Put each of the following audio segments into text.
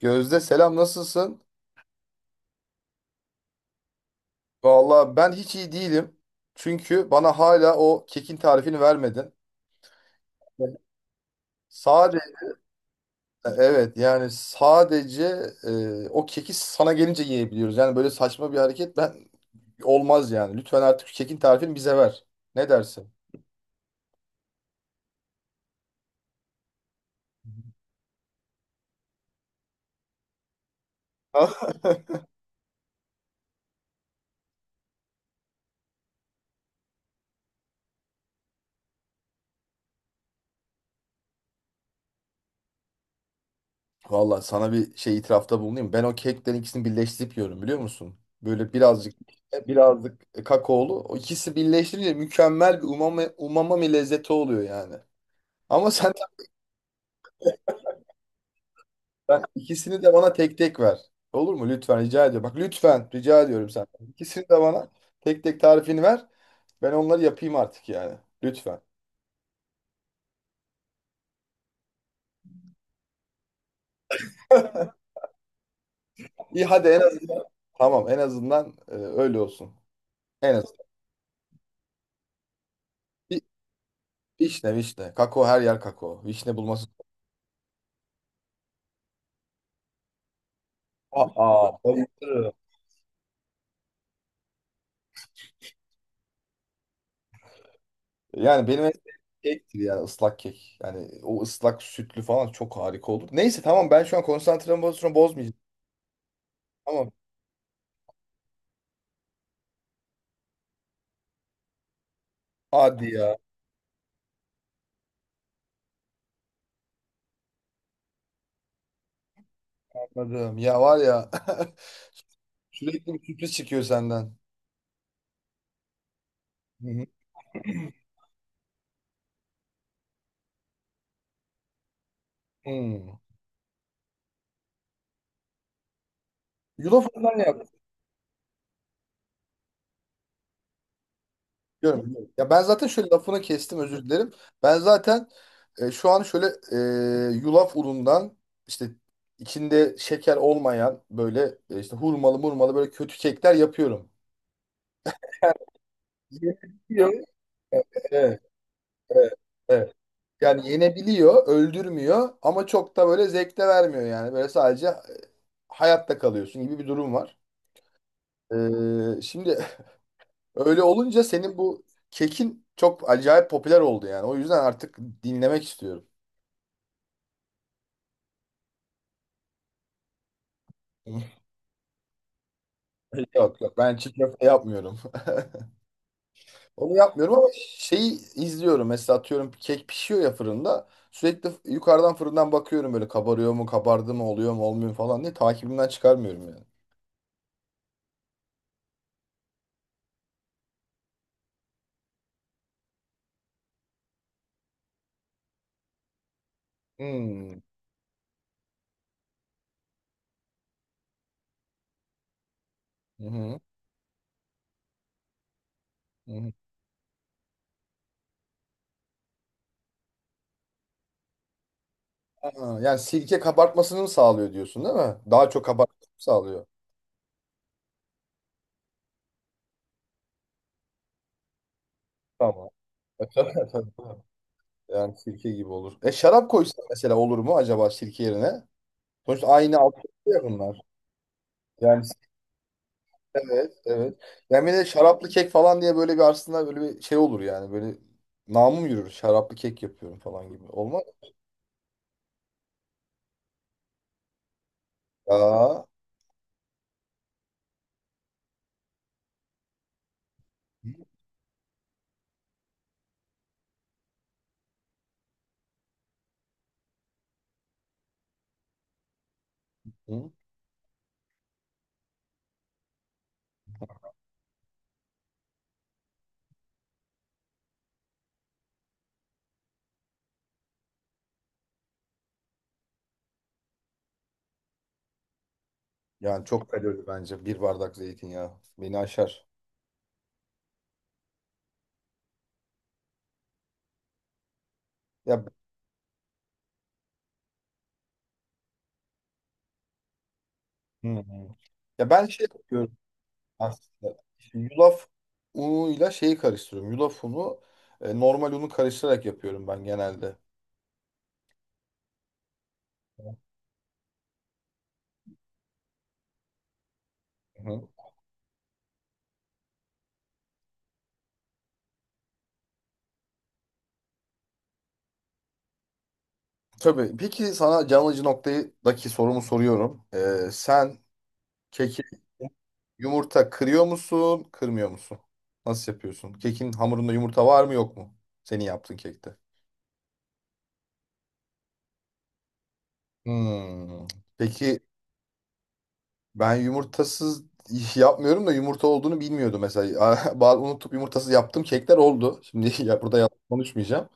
Gözde selam, nasılsın? Vallahi ben hiç iyi değilim. Çünkü bana hala o kekin tarifini vermedin. Sadece evet, yani sadece o keki sana gelince yiyebiliyoruz. Yani böyle saçma bir hareket, ben olmaz yani. Lütfen artık şu kekin tarifini bize ver. Ne dersin? Vallahi sana bir şey itirafta bulunayım. Ben o keklerin ikisini birleştirip yiyorum, biliyor musun? Böyle birazcık kakaolu. O ikisi birleştirince mükemmel bir umami lezzeti oluyor yani. Ama sen, ben ikisini de bana tek tek ver. Olur mu? Lütfen rica ediyorum. Bak lütfen rica ediyorum senden. İkisini de bana tek tek tarifini ver. Ben onları yapayım artık yani. Lütfen. İyi hadi, en azından. Tamam, en azından öyle olsun. En az. Vi- Vişne, vişne. Kakao her yer kakao. Vişne bulması. Aa, bayılırım. Yani benim en sevdiğim kektir yani, ıslak kek. Yani o ıslak sütlü falan çok harika olur. Neyse tamam, ben şu an konsantremi bozmayacağım. Tamam. Hadi ya. Anladım. Ya var ya sürekli bir sürpriz çıkıyor senden. Hı hı. Hmm. Yulaf ne yap. Diyorum, diyorum. Ya ben zaten şöyle, lafını kestim, özür dilerim. Ben zaten şu an şöyle yulaf unundan işte içinde şeker olmayan böyle işte hurmalı murmalı böyle kötü kekler yapıyorum. Yenebiliyor. Evet, evet, evet. Yani yenebiliyor, öldürmüyor ama çok da böyle zevk de vermiyor yani. Böyle sadece hayatta kalıyorsun gibi bir durum var. Şimdi öyle olunca senin bu kekin çok acayip popüler oldu yani. O yüzden artık dinlemek istiyorum. Yok yok, ben çiğ köfte yapmıyorum. Onu yapmıyorum ama şeyi izliyorum. Mesela atıyorum kek pişiyor ya fırında. Sürekli yukarıdan fırından bakıyorum böyle kabarıyor mu, kabardı mı, oluyor mu, olmuyor mu falan diye takibimden çıkarmıyorum yani. Hmm. Hı hı. Hı hı. Ha, yani sirke kabartmasını mı sağlıyor diyorsun değil mi? Daha çok kabartmasını mı sağlıyor? Tamam. Yani sirke gibi olur. E şarap koysak mesela, olur mu acaba sirke yerine? Sonuçta aynı altyapı ya bunlar. Yani evet, evet. Yani bir de şaraplı kek falan diye böyle bir, aslında böyle bir şey olur yani. Böyle namım yürür. Şaraplı kek yapıyorum falan gibi. Olmaz. Aa. Hı. Yani çok kalorili bence bir bardak zeytinyağı. Beni aşar. Ya, hı, hı, ya ben şey yapıyorum aslında. İşte yulaf unuyla şeyi karıştırıyorum. Yulaf unu, normal unu karıştırarak yapıyorum ben genelde. Hı. Tabii. Peki sana can alıcı noktadaki sorumu soruyorum. Sen keki yumurta kırıyor musun, kırmıyor musun? Nasıl yapıyorsun? Kekin hamurunda yumurta var mı yok mu? Senin yaptığın kekte. Hmm. Peki ben yumurtasız iş yapmıyorum da yumurta olduğunu bilmiyordum mesela. Bazı unutup yumurtasız yaptığım kekler oldu. Şimdi ya burada yalan konuşmayacağım.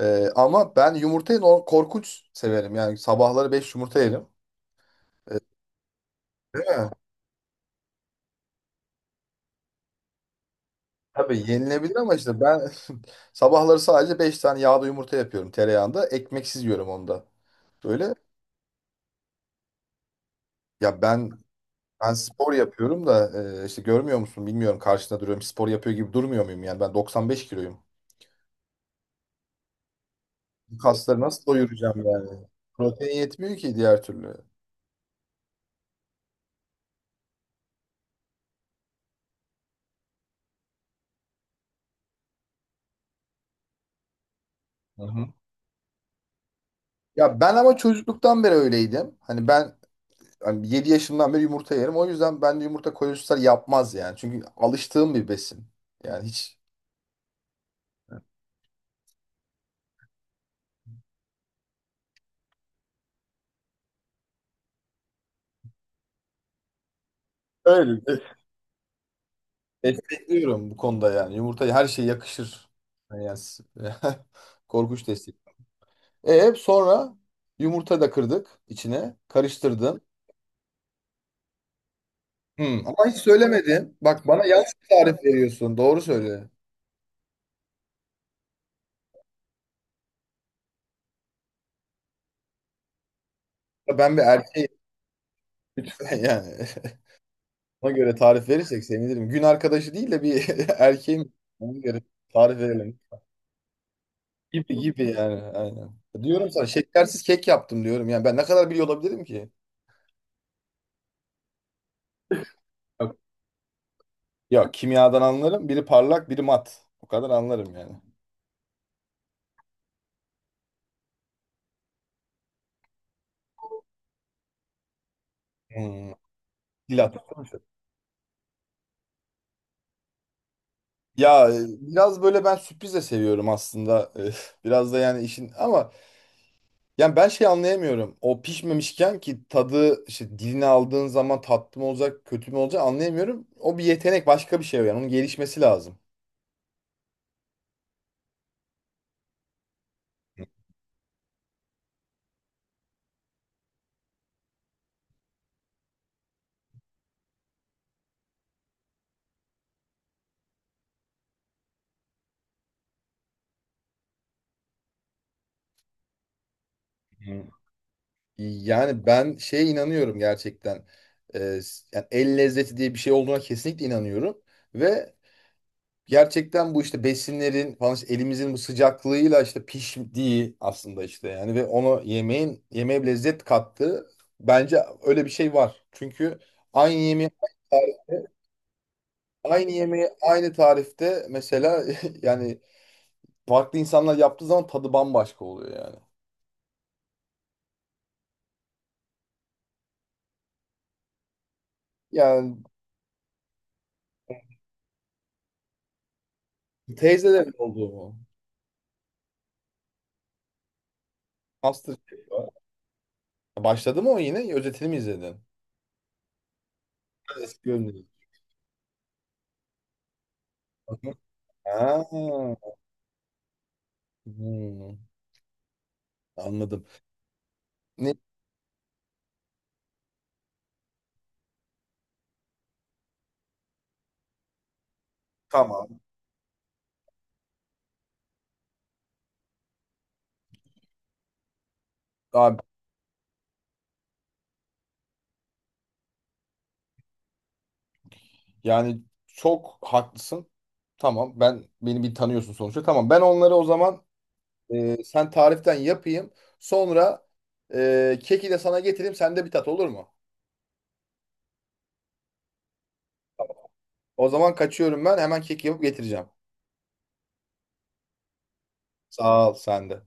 Ama ben yumurtayı korkunç severim. Yani sabahları 5 yumurta yerim. Tabii yenilebilir ama işte ben sabahları sadece 5 tane yağda yumurta yapıyorum, tereyağında. Ekmeksiz yiyorum onda. Böyle, ya ben spor yapıyorum da işte görmüyor musun bilmiyorum, karşında duruyorum, spor yapıyor gibi durmuyor muyum yani, ben 95 kiloyum. Bu kasları nasıl doyuracağım yani? Protein yetmiyor ki diğer türlü. Hı hı. Ya ben ama çocukluktan beri öyleydim. Hani ben 7 yaşından beri yumurta yerim. O yüzden ben de yumurta kolesterol yapmaz yani. Çünkü alıştığım bir besin. Yani hiç. Öyle. Destekliyorum bu konuda yani. Yumurta her şeye yakışır. Yani korkunç destek. E sonra yumurta da kırdık içine. Karıştırdın. Hmm, ama hiç söylemedin. Bak bana yanlış bir tarif veriyorsun. Doğru söyle. Ben bir erkeğim. Lütfen yani. Ona göre tarif verirsek sevinirim. Gün arkadaşı değil de bir erkeğim. Ona göre tarif verelim. Gibi gibi yani. Aynen. Diyorum sana, şekersiz kek yaptım diyorum. Yani ben ne kadar biliyor olabilirim ki? Ya kimyadan anlarım. Biri parlak, biri mat. O kadar anlarım yani. Hmm. Dil atmamışım. Ya biraz böyle ben sürpriz de seviyorum aslında. E, biraz da yani işin, ama yani ben şey anlayamıyorum. O pişmemişken ki tadı işte diline aldığın zaman tatlı mı olacak, kötü mü olacak anlayamıyorum. O bir yetenek, başka bir şey yani, onun gelişmesi lazım. Hmm. Yani ben şeye inanıyorum gerçekten. Ee, Yani el lezzeti diye bir şey olduğuna kesinlikle inanıyorum. Ve gerçekten bu işte besinlerin falan işte elimizin bu sıcaklığıyla işte piştiği aslında işte yani, ve onu yemeğe bir lezzet kattığı, bence öyle bir şey var. Çünkü aynı yemeği aynı yemeği aynı tarifte mesela, yani farklı insanlar yaptığı zaman tadı bambaşka oluyor yani. Yani teyzelerin olduğu mu? MasterChef var. Başladı mı o yine? Özetini mi izledin? Eski bölümleri. Ha, hmm, anladım. Ne, tamam. Abi, yani çok haklısın. Tamam ben, beni bir tanıyorsun sonuçta. Tamam ben onları o zaman sen tariften yapayım. Sonra keki de sana getireyim. Sen de bir tat, olur mu? O zaman kaçıyorum ben. Hemen kek yapıp getireceğim. Sağ ol, sen de.